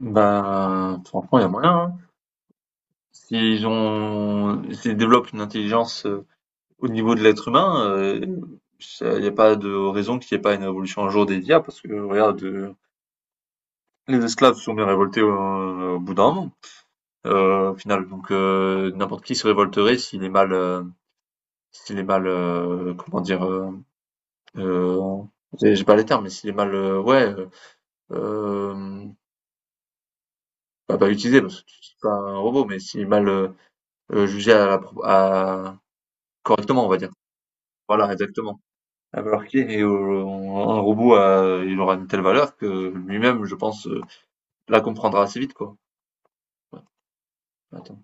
Bah, franchement, il y a moyen, hein. S'ils développent une intelligence au niveau de l'être humain, il n'y a pas de raison qu'il n'y ait pas une révolution un jour des IA, parce que regarde, les esclaves se sont bien révoltés au, bout d'un moment, au final. Donc n'importe qui se révolterait s'il est mal, comment dire, euh, j'ai pas les termes, mais s'il est mal, ouais, euh, pas, pas utilisé, parce que tu dis pas un robot, mais s'il est mal jugé à la, à, correctement, on va dire. Voilà, exactement. La valeur clé et un robot il aura une telle valeur que lui-même, je pense, la comprendra assez vite, quoi. Ouais, attends.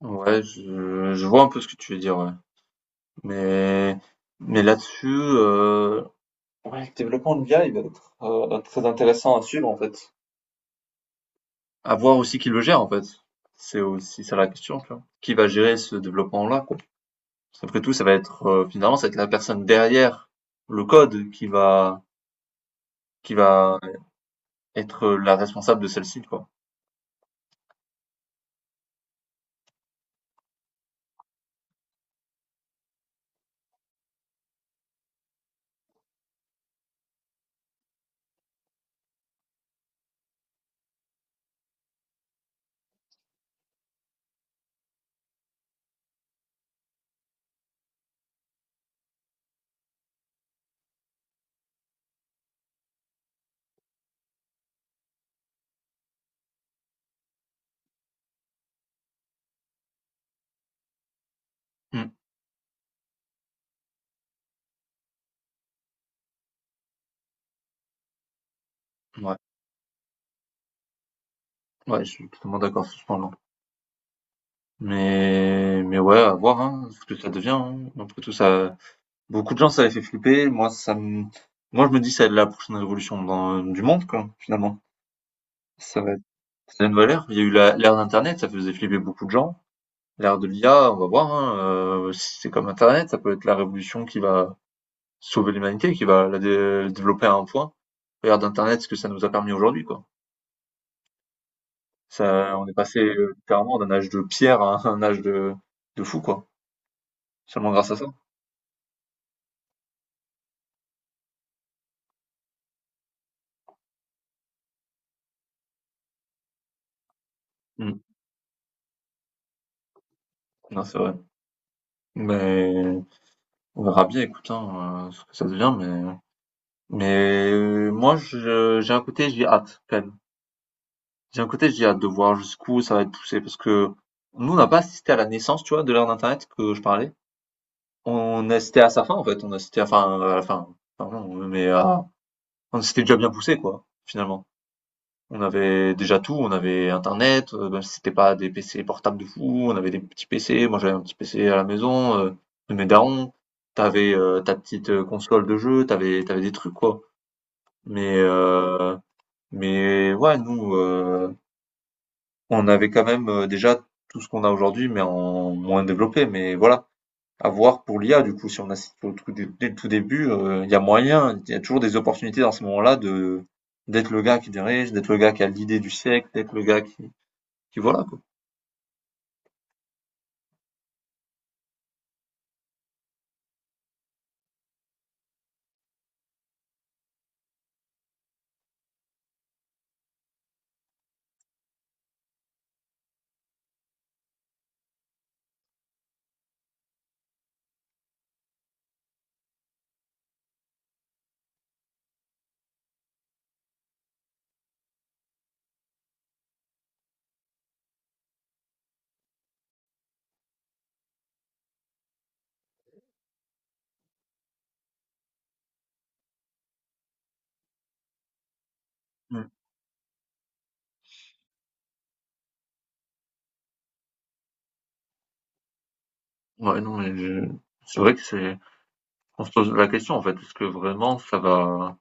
Ouais, je vois un peu ce que tu veux dire, ouais. Mais, mais là-dessus, ouais, le développement de l'IA, il va être très intéressant à suivre, en fait. À voir aussi qui le gère, en fait. C'est aussi ça la question, tu vois. Qui va gérer ce développement-là, quoi. Après tout, ça va être, finalement, ça va être la personne derrière le code qui va être la responsable de celle-ci, quoi. Mmh. Ouais, ouais, je suis totalement d'accord sur ce point-là. Mais ouais, à voir, hein, ce que ça devient. Hein. Après tout, ça, beaucoup de gens, ça les fait flipper. Moi, je me dis, ça va être la prochaine révolution du monde, quoi, finalement. Ça va être, ça a une valeur. Il y a eu l'ère d'Internet, ça faisait flipper beaucoup de gens. L'ère de l'IA, on va voir, hein, si c'est comme Internet, ça peut être la révolution qui va sauver l'humanité, qui va la développer à un point. L'ère d'Internet, ce que ça nous a permis aujourd'hui, quoi. Ça, on est passé littéralement d'un âge de pierre à un âge de fou, quoi. Seulement grâce à ça. Mm. Non, c'est vrai. Mais on verra bien, écoute, hein, ce que ça devient. Mais moi, j'ai un côté, j'ai hâte, quand même. J'ai un côté, j'ai hâte de voir jusqu'où ça va être poussé. Parce que nous, on n'a pas assisté à la naissance, tu vois, de l'ère d'Internet que je parlais. On assistait à sa fin, en fait. On assistait à, enfin, à la fin. Enfin, non, mais on s'était déjà bien poussé, quoi, finalement. On avait déjà tout, on avait internet, même si c'était pas des PC portables de fou, on avait des petits PC. Moi, j'avais un petit PC à la maison, de mes darons. T'avais avais, ta petite, console de jeu, t'avais des trucs, quoi. Mais, heu, mais ouais, nous, on avait quand même, déjà tout ce qu'on a aujourd'hui, mais en moins développé. Mais voilà, à voir pour l'IA, du coup, si on assiste au tout dé dès le tout début, il y a moyen, il y a toujours des opportunités dans ce moment là de d'être le gars qui dirige, d'être le gars qui a l'idée du siècle, d'être le gars qui puis voilà, quoi. Mmh. Ouais, non, mais je c'est vrai que c'est on se pose la question, en fait. Est-ce que vraiment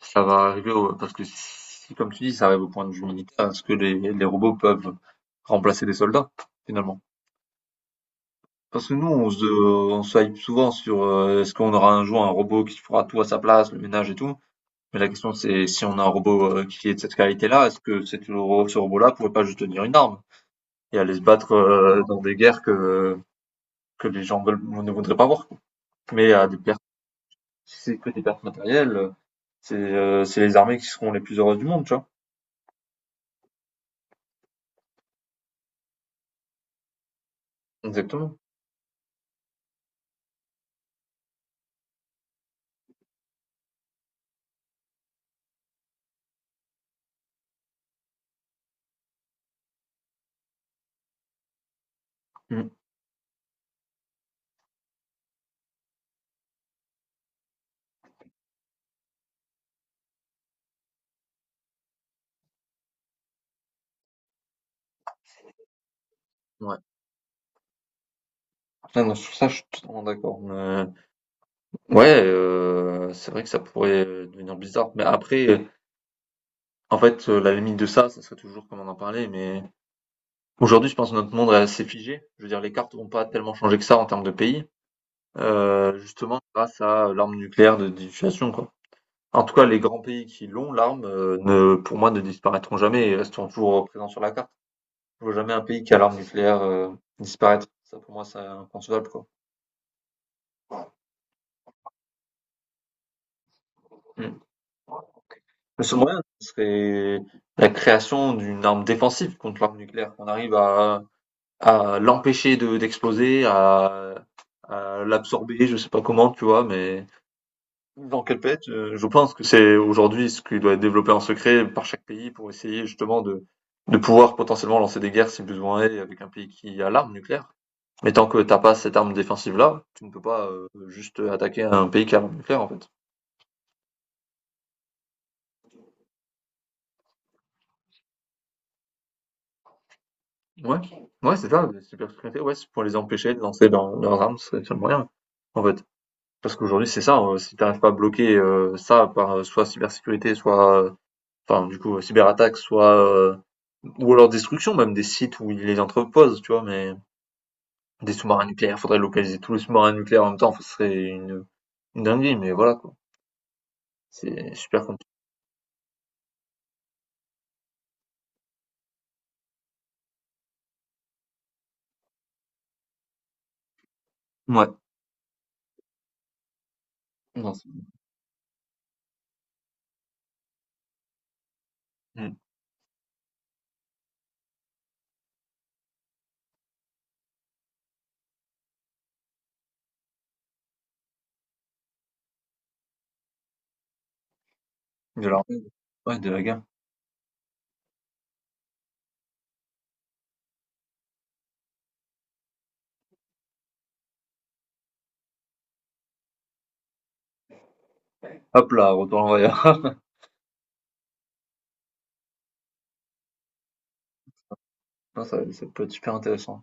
ça va arriver au parce que si, comme tu dis, ça arrive au point de vue militaire, est-ce que les robots peuvent remplacer des soldats, finalement? Parce que nous, on se hype souvent sur est-ce qu'on aura un jour un robot qui fera tout à sa place, le ménage et tout. Mais la question, c'est si on a un robot qui est de cette qualité-là, est-ce que ce robot-là pourrait pas juste tenir une arme et aller se battre dans des guerres que les gens ne voudraient pas voir, quoi. Mais à des Si c'est que des pertes matérielles, c'est les armées qui seront les plus heureuses du monde, tu vois? Exactement. Mmh. Ouais. Ah non, sur ça, je suis totalement d'accord, mais ouais, c'est vrai que ça pourrait, devenir bizarre, mais après, en fait, la limite de ça, ça serait toujours comme on en parlait, mais aujourd'hui, je pense que notre monde est assez figé. Je veux dire, les cartes vont pas tellement changer que ça en termes de pays, justement grâce à l'arme nucléaire de dissuasion, quoi. En tout cas, les grands pays qui l'ont, l'arme, ne pour moi, ne disparaîtront jamais et resteront toujours présents sur la carte. Je vois jamais un pays qui a l'arme nucléaire, disparaître. Ça, pour moi, c'est inconcevable, quoi. Mmh. Le seul moyen, ce serait la création d'une arme défensive contre l'arme nucléaire, qu'on arrive à l'empêcher de d'exploser, à l'absorber, je sais pas comment, tu vois? Mais dans quel planète, je pense que c'est aujourd'hui ce qui doit être développé en secret par chaque pays pour essayer justement de pouvoir potentiellement lancer des guerres si besoin est avec un pays qui a l'arme nucléaire. Mais tant que t'as pas cette arme défensive-là, tu ne peux pas juste attaquer un pays qui a l'arme nucléaire, en fait. Ouais, ouais, c'est ça, les super secrétaires, ouais, c'est pour les empêcher de lancer dans leurs armes, c'est le seul moyen, en fait. Parce qu'aujourd'hui, c'est ça, si t'arrives pas à bloquer ça par soit cybersécurité, soit, enfin, du coup, cyberattaque, soit, ou alors destruction, même des sites où ils les entreposent, tu vois, mais des sous-marins nucléaires, faudrait localiser tous les sous-marins nucléaires en même temps, ce serait une dinguerie, mais voilà, quoi. C'est super compliqué. Ouais. Non, c'est- Mm. De la, ouais, de la guerre. Hop là, retour en arrière. ça, ça peut être super intéressant.